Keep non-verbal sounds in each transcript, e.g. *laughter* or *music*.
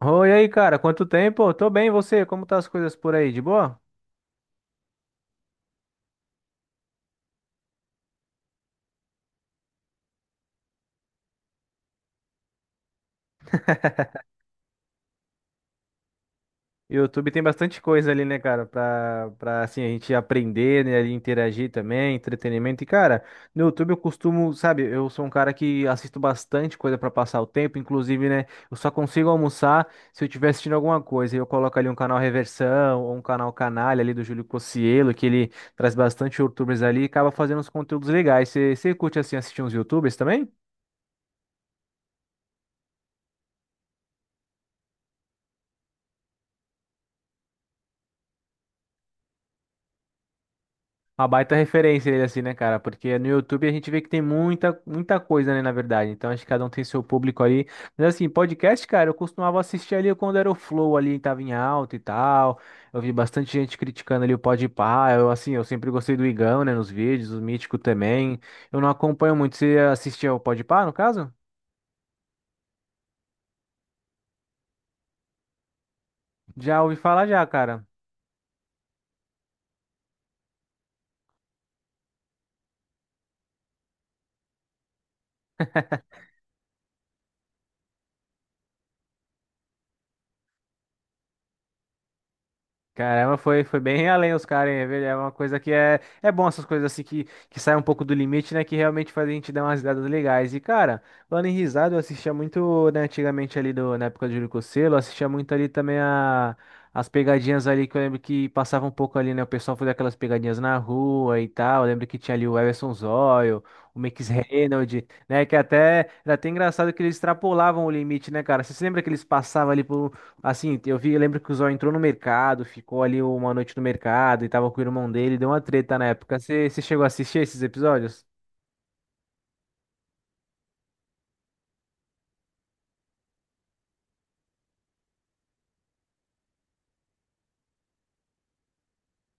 Oi, e aí, cara, quanto tempo? Tô bem, e você? Como tá as coisas por aí? De boa? YouTube tem bastante coisa ali, né, cara, pra assim, a gente aprender, né, ali, interagir também, entretenimento. E, cara, no YouTube eu costumo, sabe, eu sou um cara que assisto bastante coisa pra passar o tempo, inclusive, né, eu só consigo almoçar se eu estiver assistindo alguma coisa. Eu coloco ali um canal Reversão ou um canal Canalha ali do Júlio Cocielo, que ele traz bastante YouTubers ali e acaba fazendo uns conteúdos legais. Você curte, assim, assistir uns YouTubers também? Uma baita referência ele assim, né, cara? Porque no YouTube a gente vê que tem muita, muita coisa, né, na verdade. Então acho que cada um tem seu público ali. Mas assim, podcast, cara, eu costumava assistir ali quando era o Flow ali, tava em alta e tal. Eu vi bastante gente criticando ali o Podpah. Eu assim, eu sempre gostei do Igão, né, nos vídeos, o Mítico também. Eu não acompanho muito. Você assistia ao Podpah, no caso? Já ouvi falar já, cara. Caramba, foi bem além os caras, hein? É uma coisa que é bom essas coisas assim que saem um pouco do limite, né? Que realmente faz a gente dar umas risadas legais. E, cara, falando em risada, eu assistia muito, né, antigamente ali do, na época do Júlio Cocelo, eu assistia muito ali também as pegadinhas ali que eu lembro que passava um pouco ali, né? O pessoal fazia aquelas pegadinhas na rua e tal. Eu lembro que tinha ali o Everson Zóio, o Max Reynolds, né? Que até era até engraçado que eles extrapolavam o limite, né, cara? Você se lembra que eles passavam ali por um. Assim, eu lembro que o Zó entrou no mercado, ficou ali uma noite no mercado e tava com o irmão dele, deu uma treta na época. Você chegou a assistir esses episódios?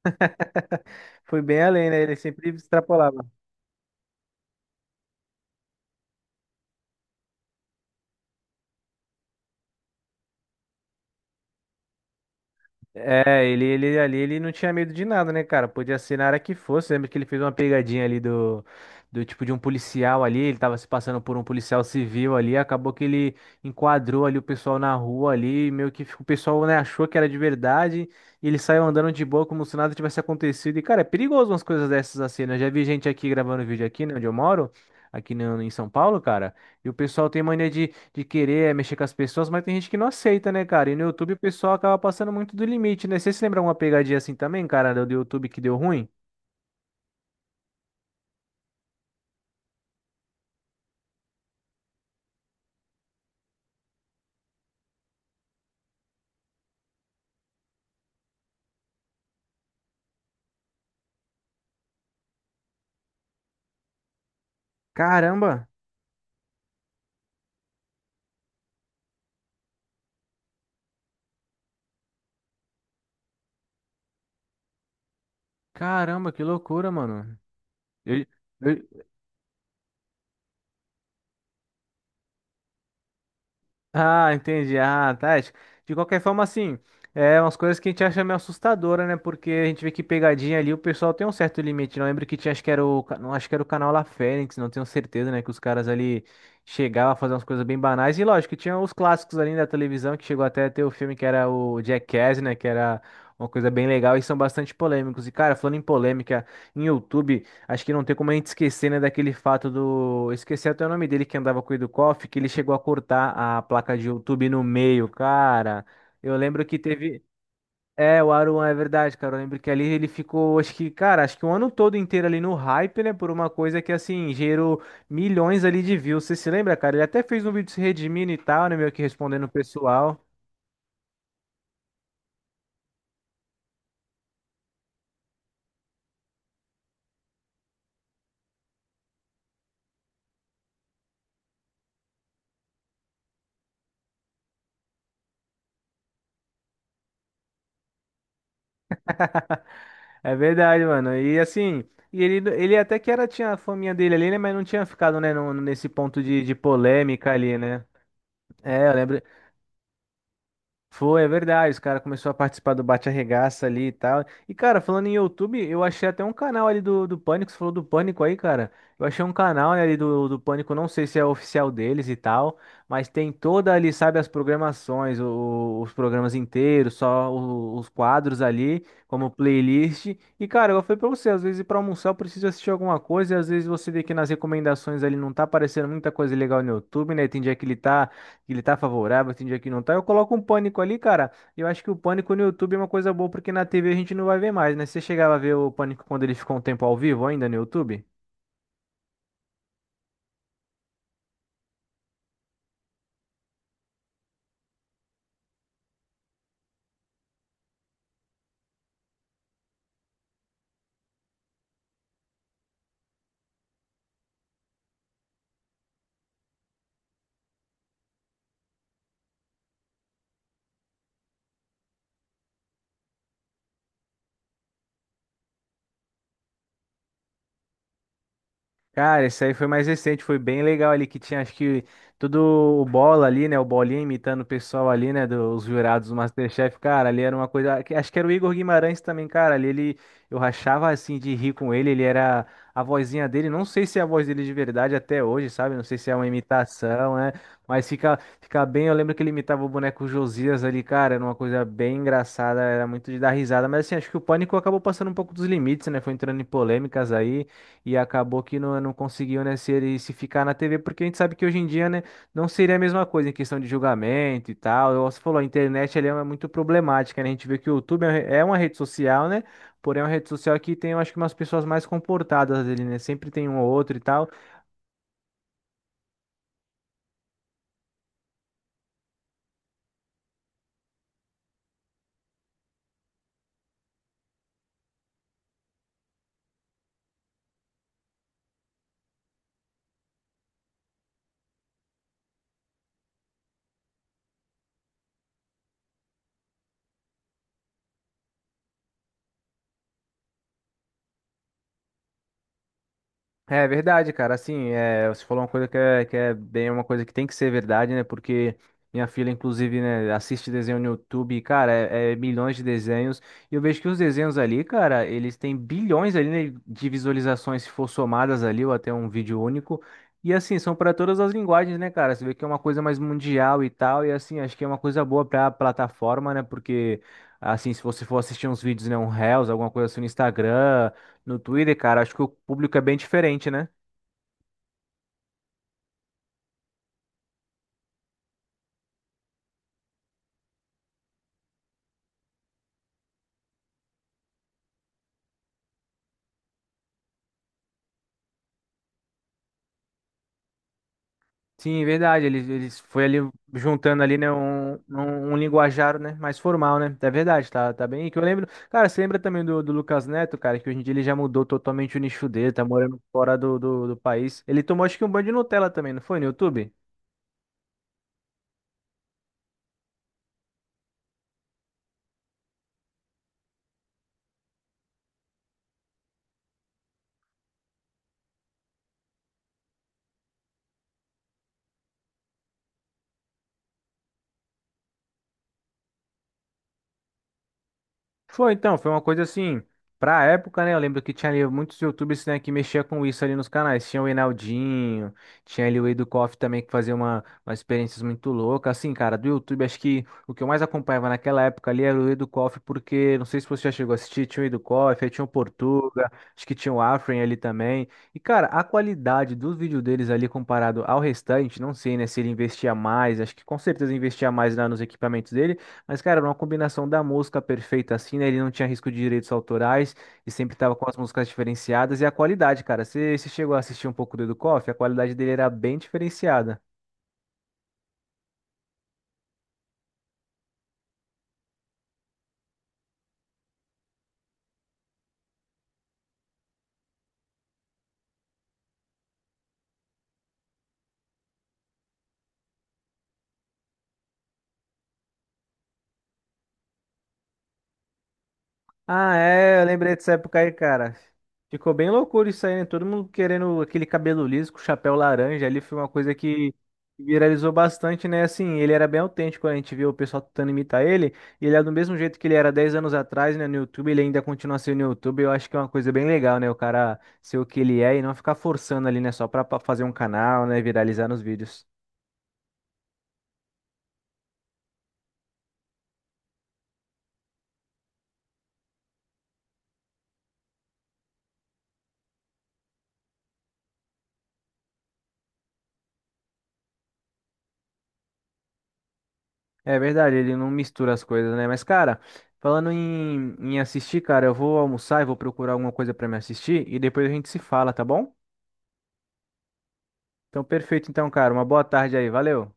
*laughs* Foi bem além, né? Ele sempre extrapolava. É, ele ali, ele não tinha medo de nada, né, cara? Podia ser na área que fosse. Lembra que ele fez uma pegadinha ali do tipo de um policial ali, ele tava se passando por um policial civil ali, acabou que ele enquadrou ali o pessoal na rua ali, e meio que o pessoal, né, achou que era de verdade, e ele saiu andando de boa como se nada tivesse acontecido. E, cara, é perigoso umas coisas dessas assim, né? Eu já vi gente aqui gravando vídeo aqui, né, onde eu moro, aqui no, em São Paulo, cara, e o pessoal tem mania de querer mexer com as pessoas, mas tem gente que não aceita, né, cara? E no YouTube o pessoal acaba passando muito do limite, né? Você se lembra uma pegadinha assim também, cara, do YouTube que deu ruim? Caramba! Caramba, que loucura, mano. Eu, eu, Ah, entendi. Ah, tá. É, de qualquer forma, assim, é umas coisas que a gente acha meio assustadora, né? Porque a gente vê que pegadinha ali, o pessoal tem um certo limite. Não lembro que tinha, acho que era não, acho que era o canal La Fênix, não tenho certeza, né? Que os caras ali chegavam a fazer umas coisas bem banais. E lógico, que tinha os clássicos ali né, da televisão, que chegou até a ter o filme que era o Jackass, né? Que era uma coisa bem legal e são bastante polêmicos. E, cara, falando em polêmica, em YouTube. Acho que não tem como a gente esquecer, né, daquele fato do. Eu esqueci até o nome dele que andava com o Koff, que ele chegou a cortar a placa de YouTube no meio, cara. Eu lembro que teve. É, o Aruan, é verdade, cara. Eu lembro que ali ele ficou, acho que, cara, acho que um ano todo inteiro ali no hype, né, por uma coisa que, assim, gerou milhões ali de views. Você se lembra, cara? Ele até fez um vídeo se redimindo e tal, né, meio que respondendo o pessoal. É verdade, mano. E assim. E ele até que era, tinha a faminha dele ali, né? Mas não tinha ficado, né, nesse ponto de polêmica ali, né? É, eu lembro. Foi, é verdade. Os caras começaram a participar do Bate Arregaça ali e tal. E, cara, falando em YouTube, eu achei até um canal ali do Pânico. Você falou do Pânico aí, cara. Eu achei um canal, né, ali do Pânico. Não sei se é oficial deles e tal. Mas tem toda ali, sabe, as programações, os programas inteiros, só os quadros ali, como playlist. E, cara, eu falei pra você, às vezes pra almoçar eu preciso assistir alguma coisa. E às vezes você vê que nas recomendações ali não tá aparecendo muita coisa legal no YouTube, né? Tem dia que ele tá favorável, tem dia que não tá. Eu coloco um pânico ali, cara. Eu acho que o pânico no YouTube é uma coisa boa, porque na TV a gente não vai ver mais, né? Você chegava a ver o pânico quando ele ficou um tempo ao vivo ainda no YouTube? Cara, esse aí foi mais recente, foi bem legal ali, que tinha acho que todo o bola ali, né? O bolinha imitando o pessoal ali, né? Dos jurados do MasterChef, cara, ali era uma coisa. Acho que era o Igor Guimarães também, cara. Ali ele eu rachava assim de rir com ele, ele era a vozinha dele. Não sei se é a voz dele de verdade até hoje, sabe? Não sei se é uma imitação, né? Mas fica bem. Eu lembro que ele imitava o boneco Josias ali, cara, era uma coisa bem engraçada, era muito de dar risada. Mas assim, acho que o pânico acabou passando um pouco dos limites, né? Foi entrando em polêmicas aí e acabou que não conseguiu, né, se ele se ficar na TV, porque a gente sabe que hoje em dia, né, não seria a mesma coisa em questão de julgamento e tal. Você falou, a internet ela é muito problemática, né? A gente vê que o YouTube é uma rede social, né? Porém, é uma rede social que tem, eu acho que umas pessoas mais comportadas ali, né? Sempre tem um ou outro e tal. É verdade, cara. Assim, é, você falou uma coisa que é bem uma coisa que tem que ser verdade, né? Porque minha filha, inclusive, né, assiste desenho no YouTube, e, cara, é milhões de desenhos. E eu vejo que os desenhos ali, cara, eles têm bilhões ali, né, de visualizações se for somadas ali, ou até um vídeo único. E assim, são para todas as linguagens, né, cara? Você vê que é uma coisa mais mundial e tal. E assim, acho que é uma coisa boa para a plataforma, né? Porque, assim, se você for assistir uns vídeos, né, um Reels, alguma coisa assim no Instagram. No Twitter, cara, acho que o público é bem diferente, né? Sim, verdade. Eles foi ali juntando ali, né, um linguajar, né, mais formal, né? É verdade, tá, tá bem. E que eu lembro, cara, você lembra também do Lucas Neto, cara, que hoje em dia ele já mudou totalmente o nicho dele, tá morando fora do, do país. Ele tomou acho que um banho de Nutella também, não foi no YouTube? Foi então, foi uma coisa assim, pra época, né? Eu lembro que tinha ali muitos YouTubers, né, que mexia com isso ali nos canais. Tinha o Enaldinho, tinha ali o Edu Koff também que fazia uma experiências muito louca. Assim, cara, do YouTube, acho que o que eu mais acompanhava naquela época ali era o Edu Koff, porque não sei se você já chegou a assistir, tinha o Edu Koff, aí tinha o Portuga, acho que tinha o Afren ali também. E, cara, a qualidade dos vídeos deles ali comparado ao restante, não sei, né, se ele investia mais, acho que com certeza investia mais lá nos equipamentos dele. Mas, cara, era uma combinação da música perfeita assim, né? Ele não tinha risco de direitos autorais e sempre tava com as músicas diferenciadas e a qualidade, cara. Você chegou a assistir um pouco do Edu Koff? A qualidade dele era bem diferenciada. Ah, é, eu lembrei dessa época aí, cara. Ficou bem loucura isso aí, né? Todo mundo querendo aquele cabelo liso com chapéu laranja ali, foi uma coisa que viralizou bastante, né? Assim, ele era bem autêntico, né? A gente viu o pessoal tentando imitar ele, e ele é do mesmo jeito que ele era 10 anos atrás, né, no YouTube, ele ainda continua sendo no YouTube, eu acho que é uma coisa bem legal, né? O cara ser o que ele é e não ficar forçando ali, né, só pra fazer um canal, né, viralizar nos vídeos. É verdade, ele não mistura as coisas, né? Mas, cara, falando em assistir, cara, eu vou almoçar e vou procurar alguma coisa pra me assistir e depois a gente se fala, tá bom? Então, perfeito, então, cara. Uma boa tarde aí, valeu.